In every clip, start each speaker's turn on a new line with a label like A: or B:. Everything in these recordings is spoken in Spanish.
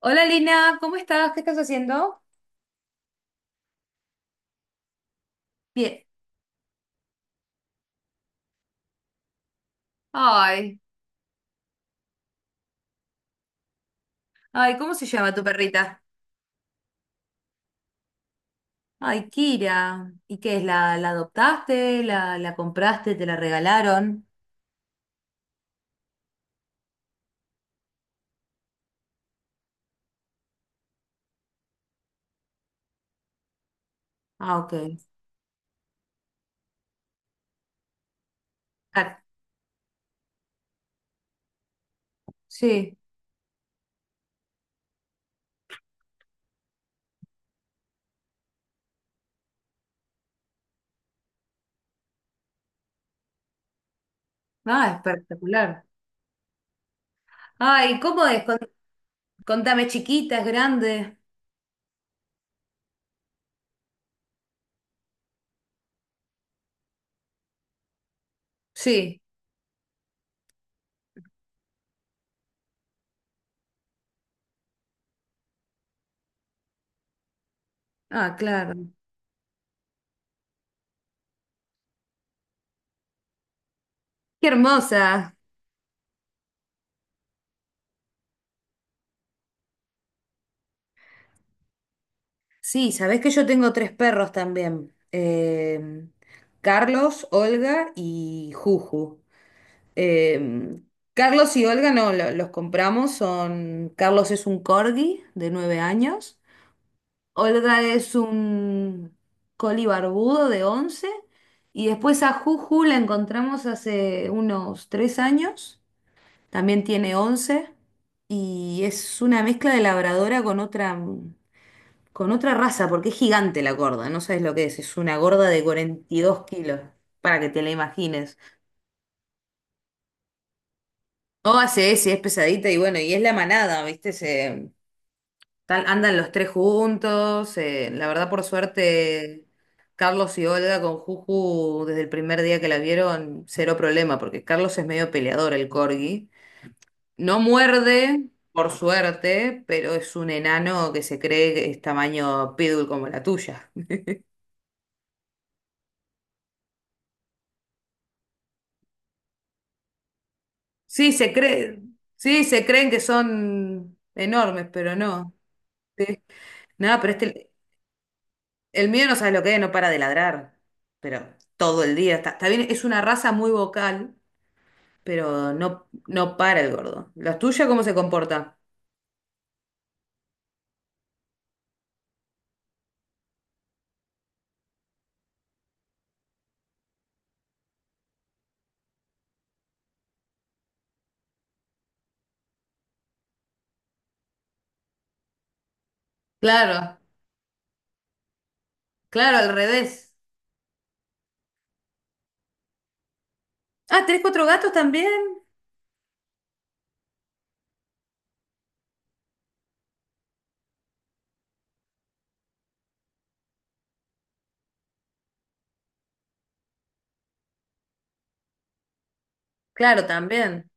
A: Hola Lina, ¿cómo estás? ¿Qué estás haciendo? Bien. Ay, ay, ¿cómo se llama tu perrita? Ay, Kira. ¿Y qué es? ¿La adoptaste? ¿La compraste? ¿Te la regalaron? Ah, ok. Ah, sí. Ah, espectacular. Ay, ¿cómo es? Contame, chiquita, es grande. Sí. Ah, claro. Qué hermosa. Sí, sabés que yo tengo tres perros también. Carlos, Olga y Juju. Eh, Carlos y Olga no, los compramos. Son, Carlos es un corgi de 9 años. Olga es un coli barbudo de 11. Y después a Juju la encontramos hace unos 3 años, también tiene 11 y es una mezcla de labradora con otra raza porque es gigante la gorda, no sabes lo que es una gorda de 42 kilos, para que te la imagines. Oh, sí, sí, es pesadita y bueno, y es la manada, ¿viste? Tal, andan los tres juntos. La verdad, por suerte, Carlos y Olga con Juju, desde el primer día que la vieron, cero problema, porque Carlos es medio peleador, el corgi. No muerde, por suerte, pero es un enano que se cree que es tamaño pitbull como la tuya. Sí, sí, se creen que son enormes, pero no. Sí. Nada, pero este, el mío no sabe lo que es, no para de ladrar, pero todo el día está. Está bien, es una raza muy vocal, pero no, no para el gordo. ¿La tuya cómo se comporta? Claro, claro, al revés. Ah, ¿tenés cuatro gatos también? Claro, también.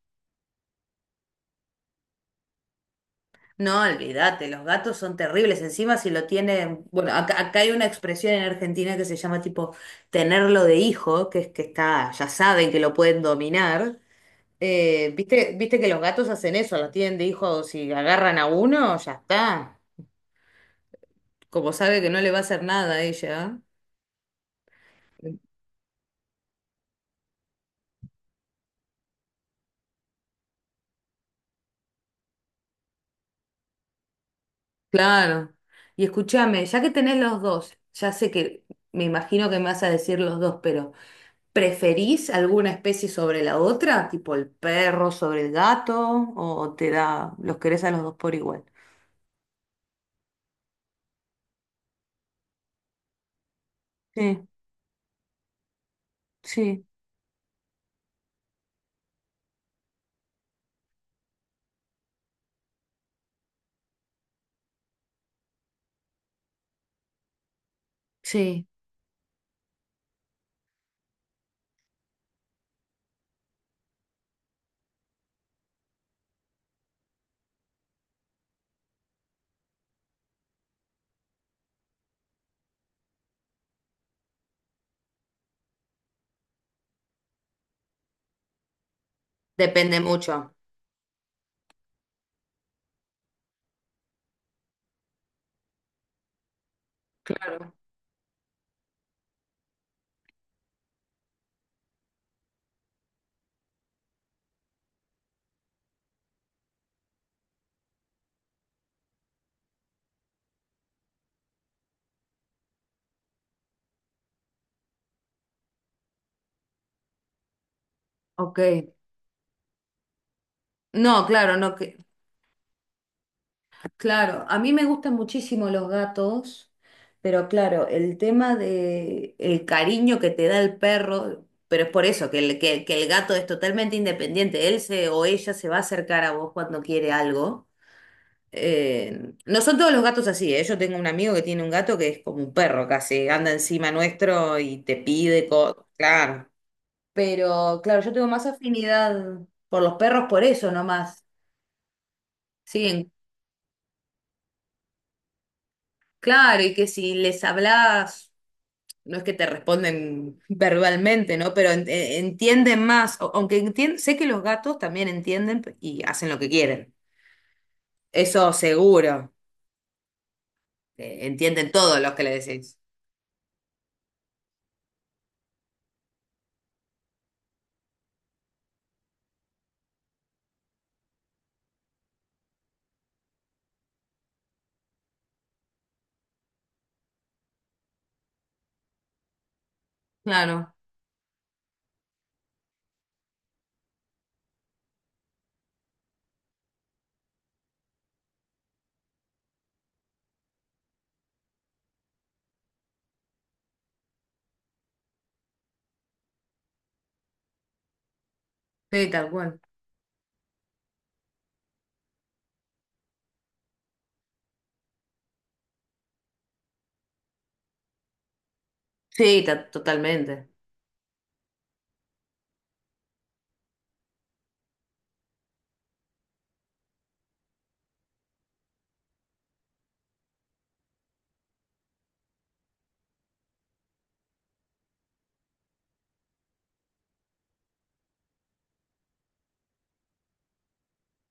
A: No, olvídate, los gatos son terribles. Encima si lo tienen, bueno, acá, acá hay una expresión en Argentina que se llama tipo tenerlo de hijo, que es que está, ya saben que lo pueden dominar. ¿Viste que los gatos hacen eso, la tienen de hijo, si agarran a uno, ya está? Como sabe que no le va a hacer nada a ella. Claro. Y escúchame, ya que tenés los dos, ya sé que me imagino que me vas a decir los dos, pero ¿preferís alguna especie sobre la otra? Tipo el perro sobre el gato, o te da, los querés a los dos por igual. Sí, sí, sí. Depende mucho. Claro. Ok. No, claro, no que. Claro, a mí me gustan muchísimo los gatos, pero claro, el tema de el cariño que te da el perro, pero es por eso que el gato es totalmente independiente, él se o ella se va a acercar a vos cuando quiere algo. No son todos los gatos así, ¿eh? Yo tengo un amigo que tiene un gato que es como un perro casi, anda encima nuestro y te pide cosas, claro. Pero claro, yo tengo más afinidad por los perros por eso nomás. Sí, claro, y que si les hablas no es que te responden verbalmente, ¿no? Pero entienden más, aunque sé que los gatos también entienden y hacen lo que quieren. Eso seguro, entienden todos los que le decís. Claro, sí, tal cual. Sí, totalmente.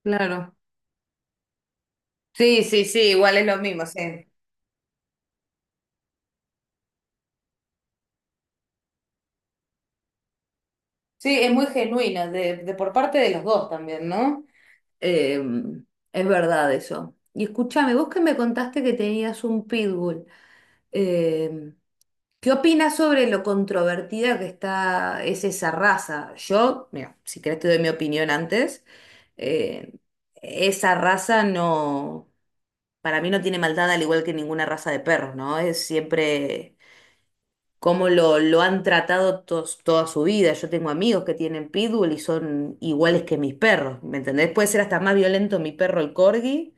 A: Claro. Sí, sí, sí, igual es lo mismo, sí. Sí, es muy genuina, de por parte de los dos también, ¿no? Eh, es verdad eso. Y escúchame, vos que me contaste que tenías un pitbull. em, ¿Qué opinas sobre lo controvertida que está, es esa raza? Yo, mira, si querés te doy mi opinión antes. Eh, esa raza no, para mí no tiene maldad al igual que ninguna raza de perros, ¿no? Es siempre como lo han tratado toda su vida. Yo tengo amigos que tienen pitbull y son iguales que mis perros, ¿me entendés? Puede ser hasta más violento mi perro el corgi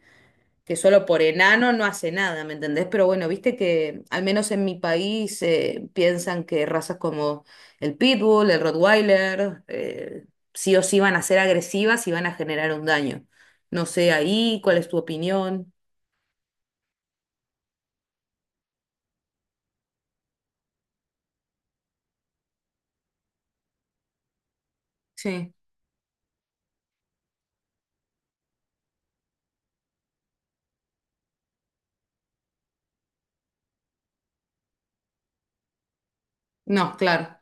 A: que solo por enano no hace nada, ¿me entendés? Pero bueno, viste que al menos en mi país piensan que razas como el Pitbull, el Rottweiler, sí o sí van a ser agresivas y van a generar un daño. No sé ahí, ¿cuál es tu opinión? Sí, no, claro,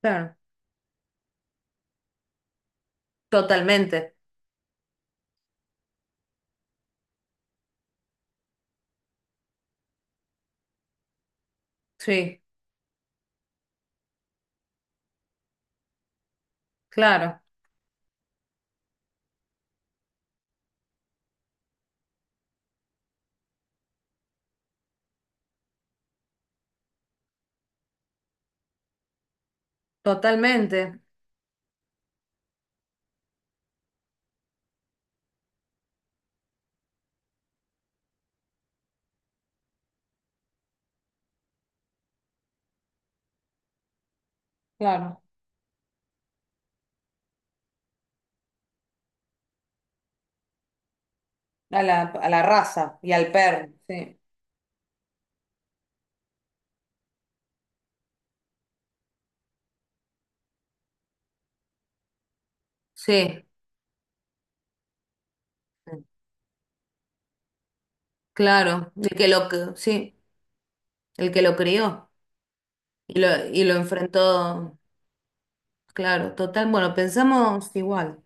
A: claro, totalmente, sí, claro, totalmente, claro, a la raza y al perro, sí. Sí, claro, el que lo, sí, el que lo crió. Y lo, y lo enfrentó, claro, total. Bueno, pensamos igual.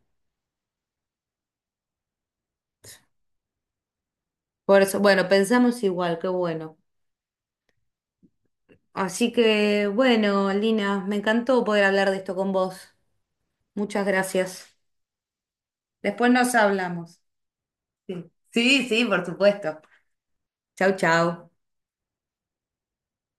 A: Por eso, bueno, pensamos igual, qué bueno. Así que, bueno, Lina, me encantó poder hablar de esto con vos. Muchas gracias. Después nos hablamos. Sí, sí, sí, por supuesto. Chau, chau.